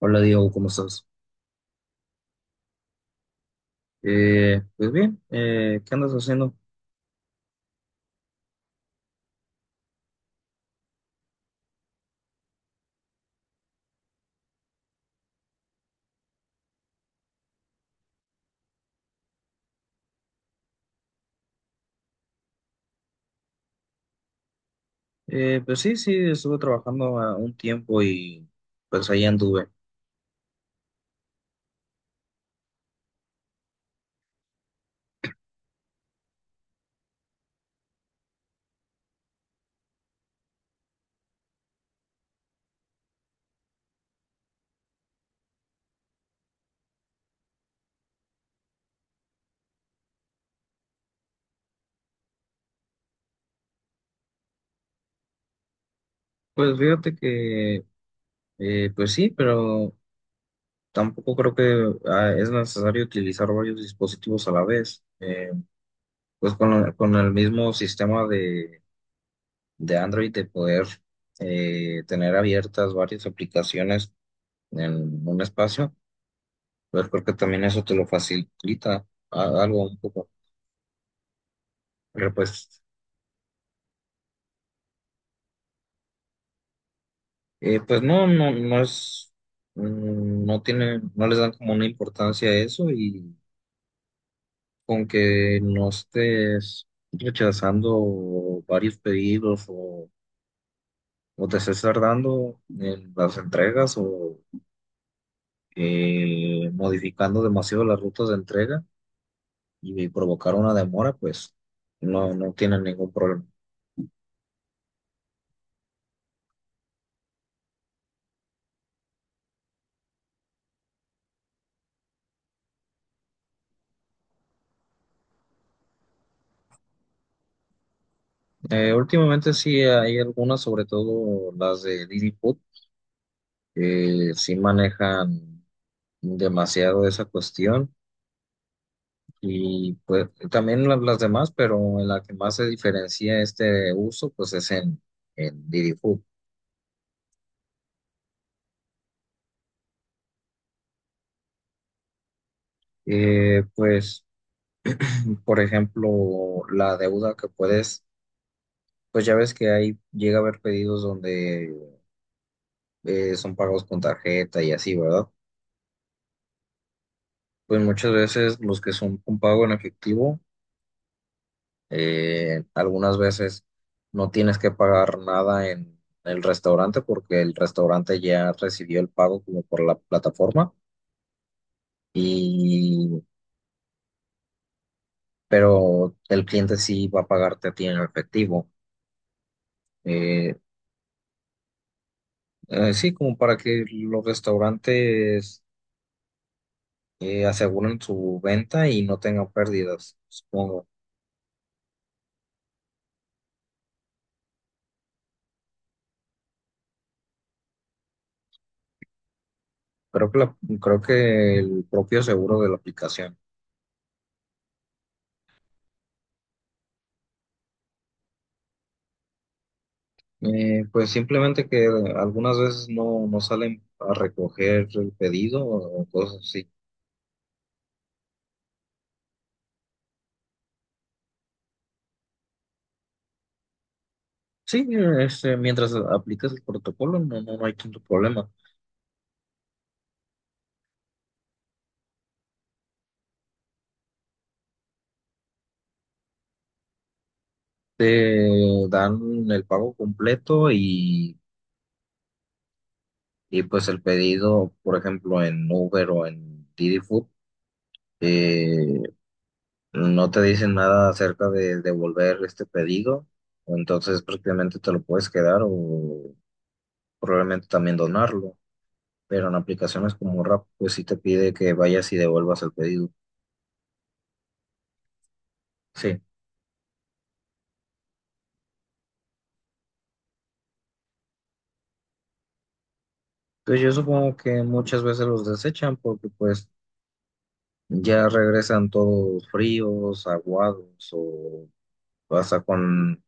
Hola Diego, ¿cómo estás? Pues bien, ¿qué andas haciendo? Pues sí, sí, estuve trabajando a un tiempo y pues ahí anduve. Pues fíjate que, pues sí, pero tampoco creo que es necesario utilizar varios dispositivos a la vez. Pues con el mismo sistema de Android de poder tener abiertas varias aplicaciones en un espacio, pues creo que también eso te lo facilita algo un poco. Pero pues pues no, no, no tiene, no les dan como una importancia a eso, y con que no estés rechazando varios o te estés tardando en las entregas o modificando demasiado las rutas de entrega y provocar una demora, pues no, no tienen ningún problema. Últimamente sí hay algunas, sobre todo las de Didi Food, que sí manejan demasiado esa cuestión, y pues también las demás, pero en la que más se diferencia este uso pues es en Didi Food. Pues por ejemplo la deuda que puedes, pues ya ves que ahí llega a haber pedidos donde son pagos con tarjeta y así, ¿verdad? Pues muchas veces los que son un pago en efectivo. Algunas veces no tienes que pagar nada en el restaurante porque el restaurante ya recibió el pago como por la plataforma, y pero el cliente sí va a pagarte a ti en efectivo. Eh, sí, como para que los restaurantes aseguren su venta y no tengan pérdidas, supongo. Creo que la- Creo que el propio seguro de la aplicación. Pues simplemente que algunas veces no, no salen a recoger el pedido o cosas así. Sí, este, mientras aplicas el protocolo, no, no, no hay tanto problema. Te dan el pago completo y pues el pedido, por ejemplo, en Uber o en Didi Food, eh, no te dicen nada acerca de devolver este pedido, entonces prácticamente te lo puedes quedar o probablemente también donarlo. Pero en aplicaciones como Rap, pues sí te pide que vayas y devuelvas el pedido. Sí. Entonces yo supongo que muchas veces los desechan porque pues ya regresan todos fríos, aguados, o pasa con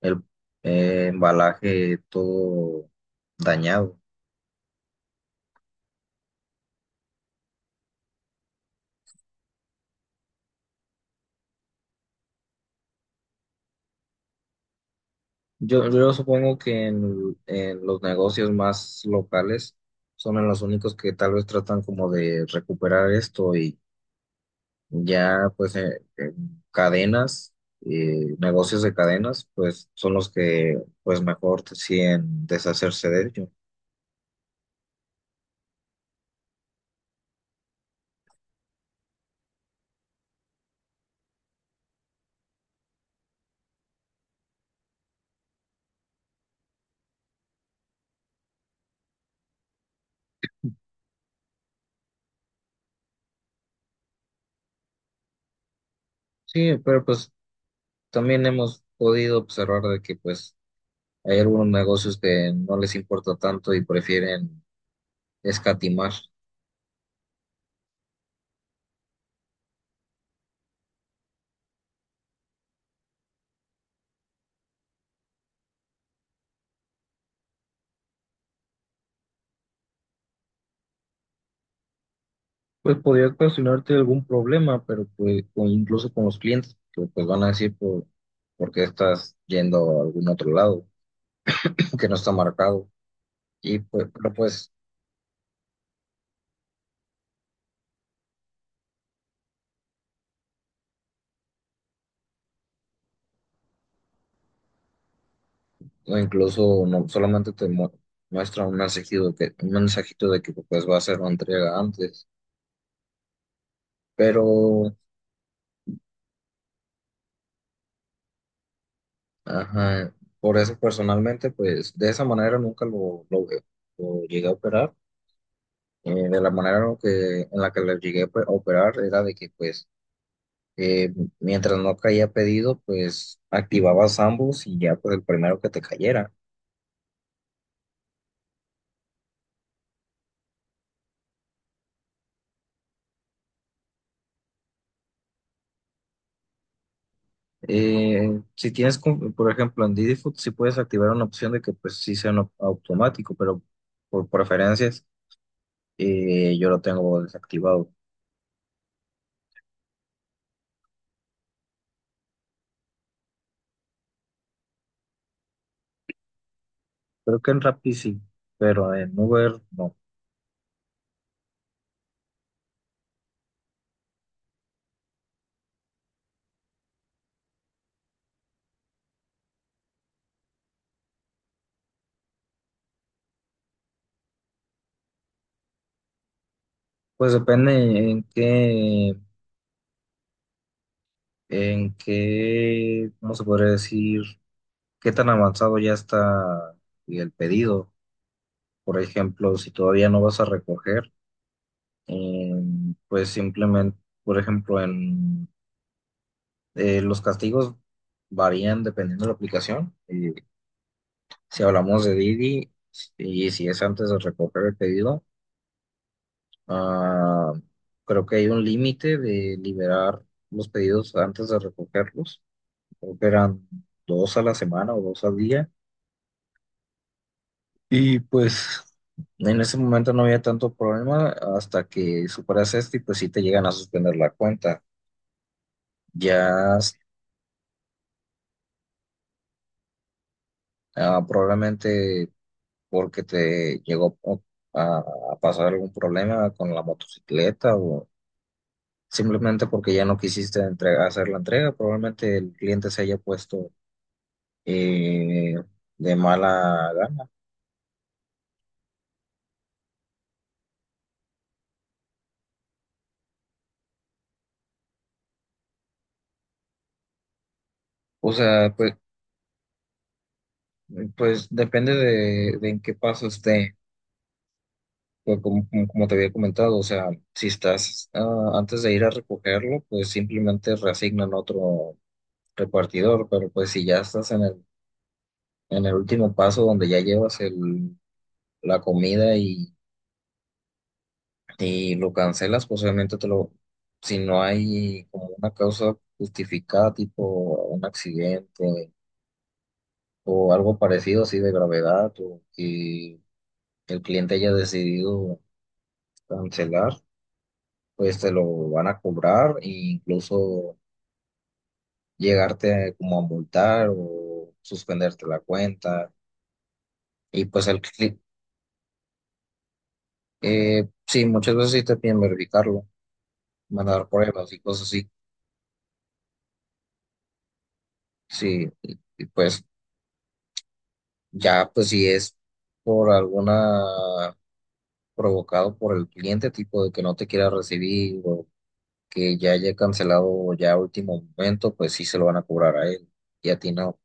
el embalaje todo dañado. Yo supongo que en los negocios más locales son en los únicos que tal vez tratan como de recuperar esto. Ya, pues, en cadenas, negocios de cadenas, pues, son los que, pues, mejor deciden deshacerse de ello. Sí, pero, pues, también hemos podido observar de que, pues, hay algunos negocios que no les importa tanto y prefieren escatimar. Pues, podría ocasionarte algún problema, pero, pues, o incluso con los clientes, que, pues, van a decir, ¿por qué estás yendo a algún otro lado que no está marcado? Y, pues, pero, pues, o incluso no, solamente muestra un un mensajito de que pues va a hacer una entrega antes. Pero, ajá, por eso personalmente, pues de esa manera nunca lo llegué a operar. De la manera en la que lo llegué a operar era de que pues eh, mientras no caía pedido, pues activabas ambos y ya pues el primero que te cayera. Si tienes, como- por ejemplo, en Didi Food, sí puedes activar una opción de que pues sí sea no- automático, pero por preferencias yo lo tengo desactivado. Creo que en Rappi sí, pero en Uber no. Pues depende en qué, en qué, ¿cómo se podría decir? ¿Qué tan avanzado ya está el pedido? Por ejemplo, si todavía no vas a recoger, eh, pues simplemente, por ejemplo, en los castigos varían dependiendo de la aplicación. Si hablamos de Didi y si es antes de recoger el pedido, ah, creo que hay un límite de liberar los pedidos antes de recogerlos. Creo que eran dos a la semana o dos al día. Y pues en ese momento no había tanto problema hasta que superas esto y pues sí te llegan a suspender la cuenta. Ya probablemente porque te llegó a, a pasar algún problema con la motocicleta, o simplemente porque ya no quisiste hacer la entrega, probablemente el cliente se haya puesto eh, de mala gana. O sea, pues, pues depende de en qué paso esté. Pues como, como te había comentado, o sea, si estás antes de ir a recogerlo, pues simplemente reasignan otro repartidor, pero pues si ya estás en en el último paso donde ya llevas el la comida y lo cancelas, pues obviamente te lo, si no hay como una causa justificada, tipo un accidente o algo parecido así de gravedad, o que el cliente haya decidido cancelar, pues te lo van a cobrar e incluso como a multar o suspenderte la cuenta. Y pues el cliente, sí, muchas veces sí te piden verificarlo, mandar pruebas y cosas así. Sí, y, pues ya, pues si es por alguna provocado por el cliente, tipo de que no te quiera recibir o que ya haya cancelado ya a último momento, pues sí se lo van a cobrar a él y a ti no.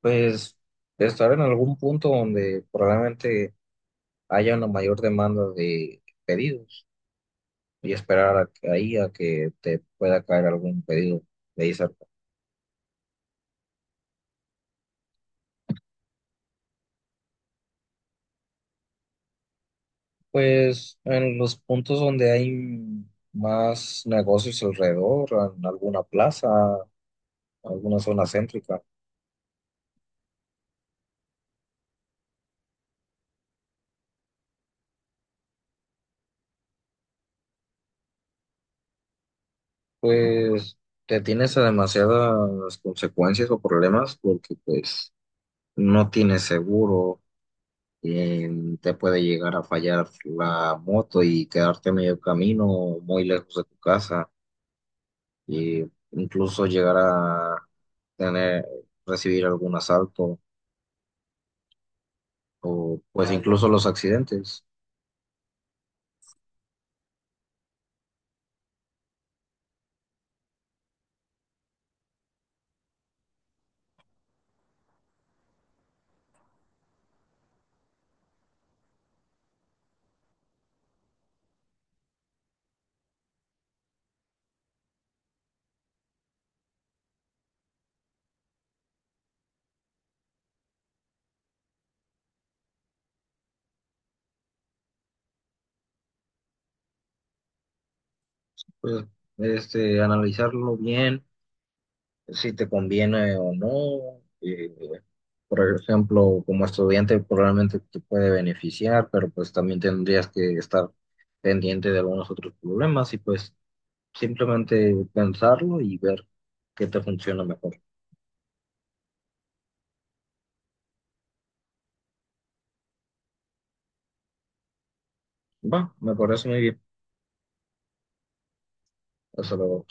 Pues estar en algún punto donde probablemente haya una mayor demanda de pedidos y esperar ahí a que te pueda caer algún pedido de ahí cerca. Pues en los puntos donde hay más negocios alrededor, en alguna plaza, alguna zona céntrica, pues te tienes a demasiadas consecuencias o problemas porque pues no tienes seguro, eh, te puede llegar a fallar la moto y quedarte a medio camino o muy lejos de tu casa, e incluso llegar a tener, recibir algún asalto, o pues incluso los accidentes. Pues este, analizarlo bien si te conviene o no. Eh, por ejemplo, como estudiante probablemente te puede beneficiar, pero pues también tendrías que estar pendiente de algunos otros problemas, y pues simplemente pensarlo y ver qué te funciona mejor. Va, me parece muy bien. Hasta luego.